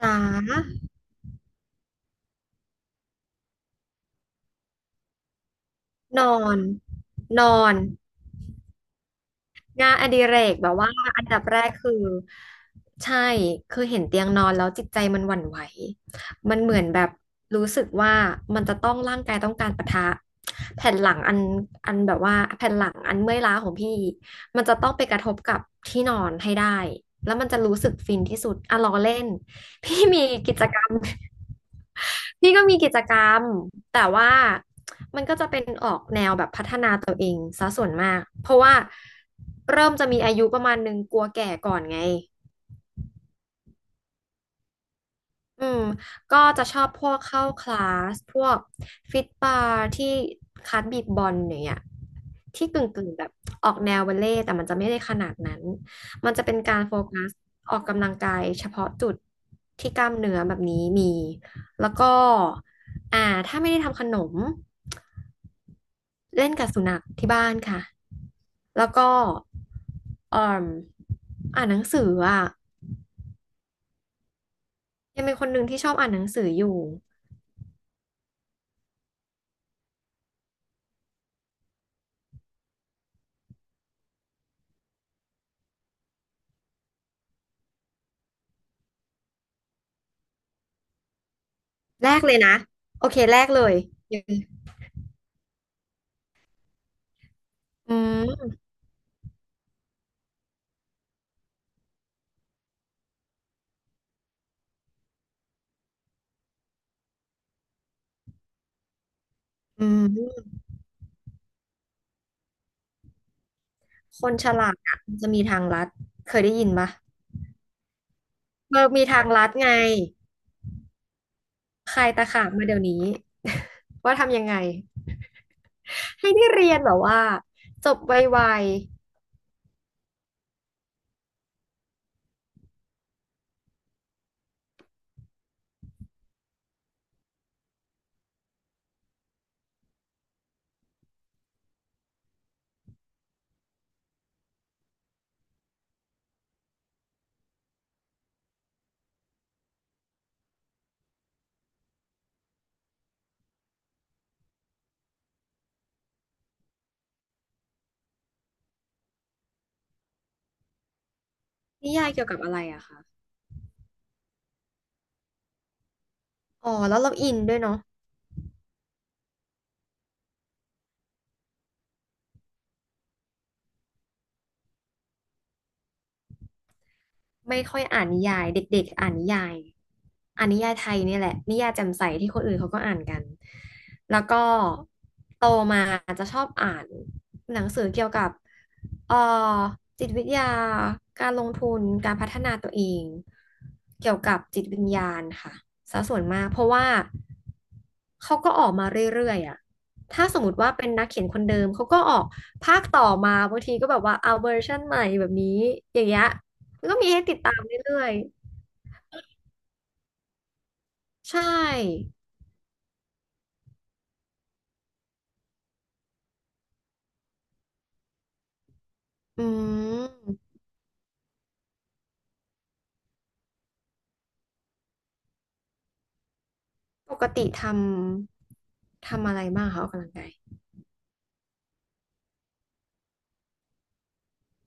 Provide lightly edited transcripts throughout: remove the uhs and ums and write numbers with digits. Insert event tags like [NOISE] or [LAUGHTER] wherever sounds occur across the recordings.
จ๋านอนนอนงานอดิเรกแบบว่าอันดับแรกคือใช่คือเห็นเตียงนอนแล้วจิตใจมันหวั่นไหวมันเหมือนแบบรู้สึกว่ามันจะต้องร่างกายต้องการปะทะแผ่นหลังอันแบบว่าแผ่นหลังอันเมื่อยล้าของพี่มันจะต้องไปกระทบกับที่นอนให้ได้แล้วมันจะรู้สึกฟินที่สุดอ่ะล้อเล่น พี่มีกิจกรรม [LAUGHS] พี่ก็มีกิจกรรม แต่ว่ามันก็จะเป็นออกแนวแบบพัฒนาตัวเองซะส่วนมาก เพราะว่าเริ่มจะมีอายุประมาณนึงกลัวแก่ก่อนไง อืมก็จะชอบพวกเข้าคลาสพวกฟิตบาร์ที่คลาสบีบบอลอย่างเงี้ยที่กึ่งแบบออกแนวบัลเล่ต์แต่มันจะไม่ได้ขนาดนั้นมันจะเป็นการโฟกัสออกกำลังกายเฉพาะจุดที่กล้ามเนื้อแบบนี้มีแล้วก็อ่าถ้าไม่ได้ทำขนมเล่นกับสุนัขที่บ้านค่ะแล้วก็เอ่มอ่านหนังสืออ่ะยังเป็นคนหนึ่งที่ชอบอ่านหนังสืออยู่ แรกเลยนะโอเคแรกเลยยังอืมอืมคนฉลาดอ่ะมันจะมีทางลัดเคยได้ยินปะเออมีทางลัดไงใครตะขาบมาเดี๋ยวนี้ [LAUGHS] ว่าทำยังไงให้ได้เรียนแบบว่าจบไวๆนิยายเกี่ยวกับอะไรอะคะอ๋อแล้วเราอินด้วยเนาะ ไม่ค่อยอ่านนิยายเด็กๆอ่านนิยายอ่านนิยายไทยเนี่ยแหละนิยายแจ่มใสที่คนอื่นเขาก็อ่านกันแล้วก็โตมาจะชอบอ่านหนังสือเกี่ยวกับเอ่อจิตวิทยาการลงทุนการพัฒนาตัวเองเกี่ยวกับจิตวิญญาณค่ะซะส่วนมากเพราะว่าเขาก็ออกมาเรื่อยๆอ่ะถ้าสมมติว่าเป็นนักเขียนคนเดิมเขาก็ออกภาคต่อมาบางทีก็แบบว่าเอาเวอร์ชันใหม่แบบนี้อย่างเงี้ย ก็มีให้ติดตามเรื่อยๆใช่อืมปกติทำทำอะไรบ้างคะออกกำลังกาย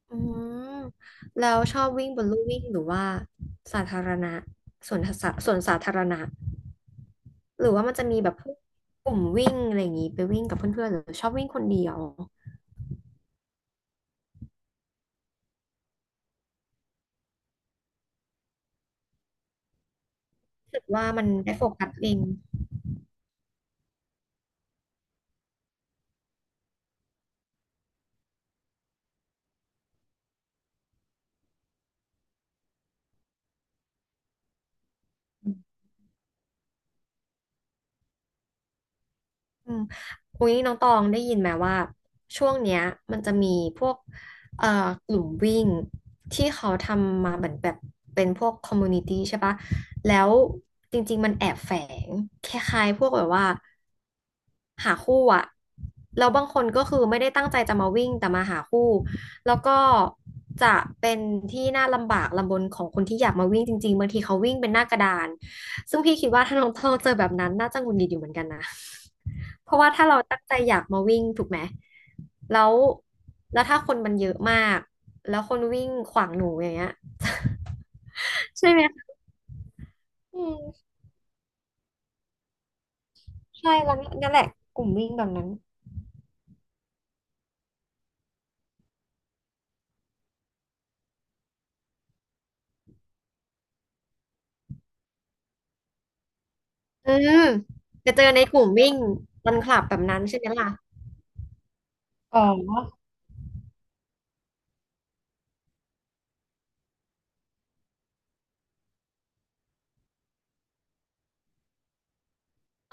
อืมแล้วชอบวิ่งบนลู่วิ่งหรือว่าสาธารณะสวนสาสวนสาธารณะหรือว่ามันจะมีแบบพวกกลุ่มวิ่งอะไรอย่างนี้ไปวิ่งกับเพื่อนๆหรือชอบวิ่งคนเดียวรู้สึกว่ามันได้โฟกัสเอง อืมอุ้ยน้องตองได้ยินไหมว่าช่วงเนี้ยมันจะมีพวกเอ่อกลุ่มวิ่งที่เขาทำมาเหมือนแบบเป็นพวกคอมมูนิตี้ใช่ปะแล้วจริงๆมันแอบแฝงคล้ายๆพวกแบบว่าหาคู่อะแล้วบางคนก็คือไม่ได้ตั้งใจจะมาวิ่งแต่มาหาคู่แล้วก็จะเป็นที่น่าลำบากลำบนของคนที่อยากมาวิ่งจริงๆบางทีเขาวิ่งเป็นหน้ากระดาน ซึ่งพี่คิดว่าถ้าน้องต้องเจอแบบนั้นน่าจะหงุดหงิดอยู่เหมือนกันนะเพราะว่าถ้าเราตั้งใจอยากมาวิ่งถูกไหมแล้วแล้วถ้าคนมันเยอะมาก แล้วคนวิ่งขวางหนูอย่างเงี้ยใช่ไหมคะอืมใช่แล้วนั่นแหละกลุ่มวิ่งแบบนั้นอืมจะเจอในกลุ่มวิ่งรันคลับแบบนั้นใช่ไหมล่ะอ๋อ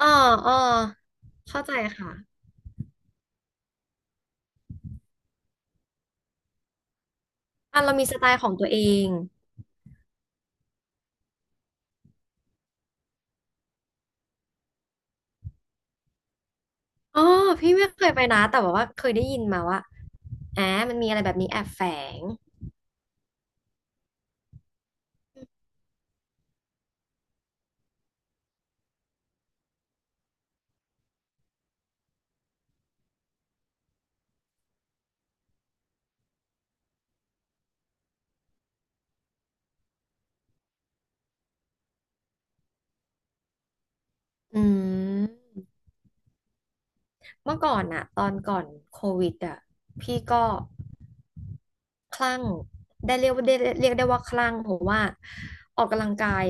อ๋ออ๋อเข้าใจค่ะอ่ะเรามีสไตล์ของตัวเองอ๋อพี่ไม่เคยไปนะแต่ว่าเคยได้ยินมาว่าอ่ามันมีอะไรแบบนี้แอบแฝง อืมเมื่อก่อนอะตอนก่อนโควิดอะพี่ก็คลั่งได้เรียกว่าได้เรียกได้ว่าคลั่งเพราะว่าออกกำลังกาย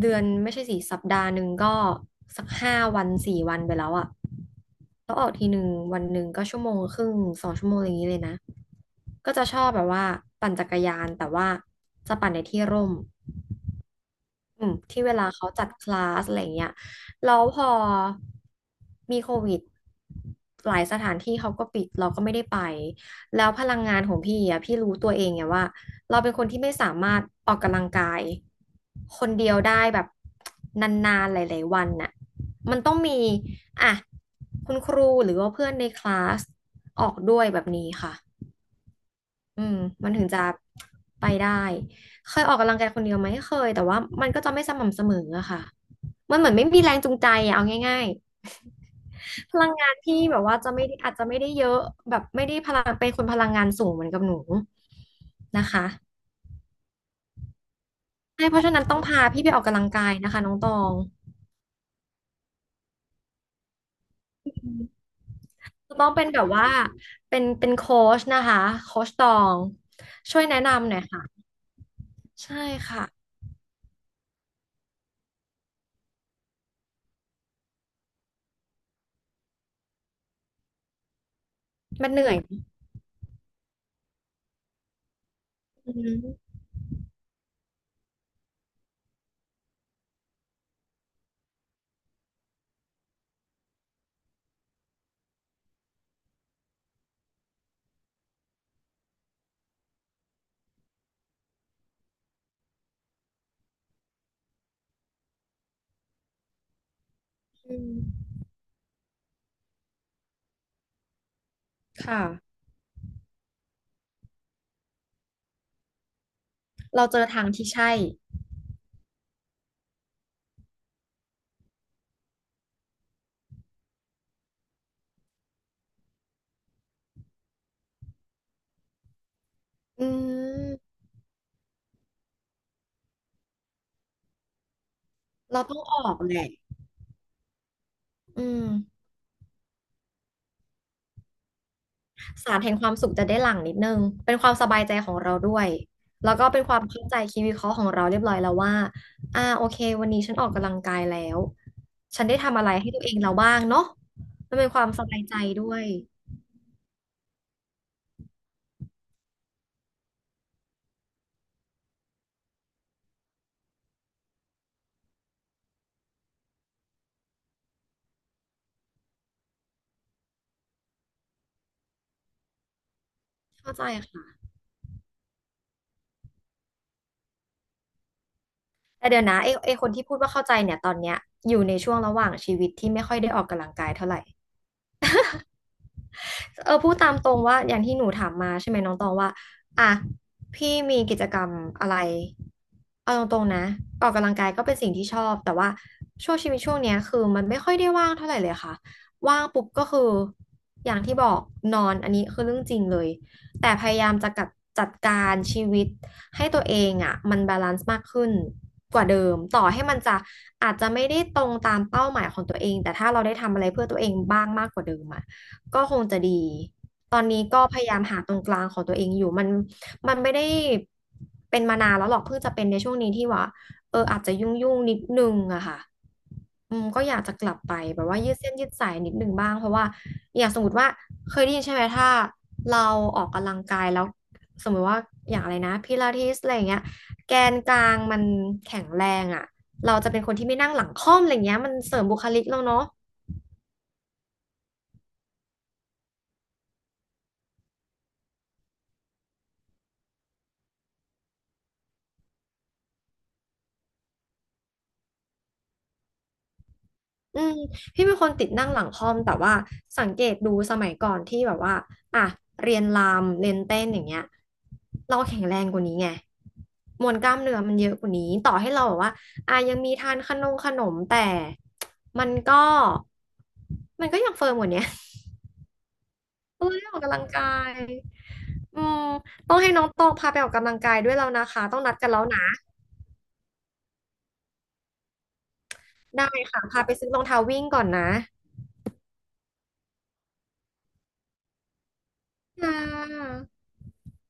เดือนไม่ใช่สิสัปดาห์หนึ่งก็สัก5 วัน 4 วันไปแล้วอะแล้วออกทีหนึ่งวันหนึ่งก็ชั่วโมงครึ่ง2 ชั่วโมงอย่างนี้เลยนะก็จะชอบแบบว่าปั่นจักรยานแต่ว่าจะปั่นในที่ร่ม อืมที่เวลาเขาจัดคลาสอะไรเงี้ยแล้วพอมีโควิดหลายสถานที่เขาก็ปิดเราก็ไม่ได้ไปแล้วพลังงานของพี่อ่ะพี่รู้ตัวเองไงว่าเราเป็นคนที่ไม่สามารถออกกำลังกายคนเดียวได้แบบนานๆหลายๆวันน่ะมันต้องมีอ่ะคุณครูหรือว่าเพื่อนในคลาสออกด้วยแบบนี้ค่ะ อืมมันถึงจะไปได้เคยออกกำลังกายคนเดียวไหมเคยแต่ว่ามันก็จะไม่สม่ำเสมออะค่ะมันเหมือนไม่มีแรงจูงใจอะเอาง่ายๆ [LAUGHS] พลังงานพี่แบบว่าจะไม่ได้อาจจะไม่ได้เยอะแบบไม่ได้พลังเป็นคนพลังงานสูงเหมือนกับหนูนะคะใช่เพราะฉะนั้นต้องพาพี่ไปออกกำลังกายนะคะน้องตองจะต้องเป็นแบบว่าเป็นโค้ชนะคะโค้ชตองช่วยแนะนำหน่อยค่ะใช่ค่ะมันเหนื่อยอืมอืมค่ะ เราเจอทางที่ใช่อืมเราต้องออกแหละอืมสารแห่งความสุขจะได้หลั่งนิดนึงเป็นความสบายใจของเราด้วย แล้วก็เป็นความเข้าใจคิดวิเคราะห์ของเราเรียบร้อยแล้วว่าโอเควันนี้ฉันออกกำลังกายแล้วฉันได้ทำอะไรให้ตัวเองเราบ้างเนาะมันเป็นความสบายใจด้วยเข้าใจค่ะแต่เดี๋ยวนะไอ้คนที่พูดว่าเข้าใจเนี่ยตอนเนี้ยอยู่ในช่วงระหว่างชีวิตที่ไม่ค่อยได้ออกกำลังกายเท่าไหร่ พูดตามตรงว่าอย่างที่หนูถามมาใช่ไหมน้องตองว่าอ่ะพี่มีกิจกรรมอะไรเอาตรงๆนะออกกำลังกายก็เป็นสิ่งที่ชอบแต่ว่าช่วงชีวิตช่วงเนี้ยคือมันไม่ค่อยได้ว่างเท่าไหร่เลยค่ะว่างปุ๊บก็คืออย่างที่บอกนอนอันนี้คือเรื่องจริงเลยแต่พยายามจะกัดจัดการชีวิตให้ตัวเองอ่ะมันบาลานซ์มากขึ้นกว่าเดิมต่อให้มันจะอาจจะไม่ได้ตรงตามเป้าหมายของตัวเองแต่ถ้าเราได้ทำอะไรเพื่อตัวเองบ้างมากกว่าเดิมอ่ะ ก็คงจะดีตอนนี้ก็พยายามหาตรงกลางของตัวเองอยู่ มัน มันไม่ได้เป็นมานานแล้วหรอก เพิ่งจะเป็นในช่วงนี้ที่ว่าอาจจะยุ่งนิดนึงอะค่ะอืมก็อยากจะกลับไปแบบว่ายืดเส้นยืดสายนิดนึงบ้างเพราะว่าอย่างสมมติว่าเคยได้ยินใช่ไหมถ้าเราออกกำลังกายแล้วสมมติว่าอย่างอะไรนะพิลาทิสอะไรอย่างเงี้ยแกนกลางมันแข็งแรงอะเราจะเป็นคนที่ไม่นั่งหลังค่อมอะไรเงี้ยมันเสริมบุคลิกเราเนาะ อืมพี่เป็นคนติดนั่งหลังคอมแต่ว่าสังเกตดูสมัยก่อนที่แบบว่าอ่ะเรียนรำเรียนเต้นอย่างเงี้ยเราแข็งแรงกว่านี้ไงมวลกล้ามเนื้อมันเยอะกว่านี้ต่อให้เราแบบว่าอ่ะยังมีทานขนมขนมแต่มันก็มันก็ยังเฟิร์มกว่าเนี้ย [LAUGHS] เออได้ออกกำลังกายอืมต้องให้น้องตองพาไปออกกำลังกายด้วยแล้วนะคะต้องนัดกันแล้วนะได้ค่ะพาไปซื้อรองเท้าวิ่งก่อนนะค่ะ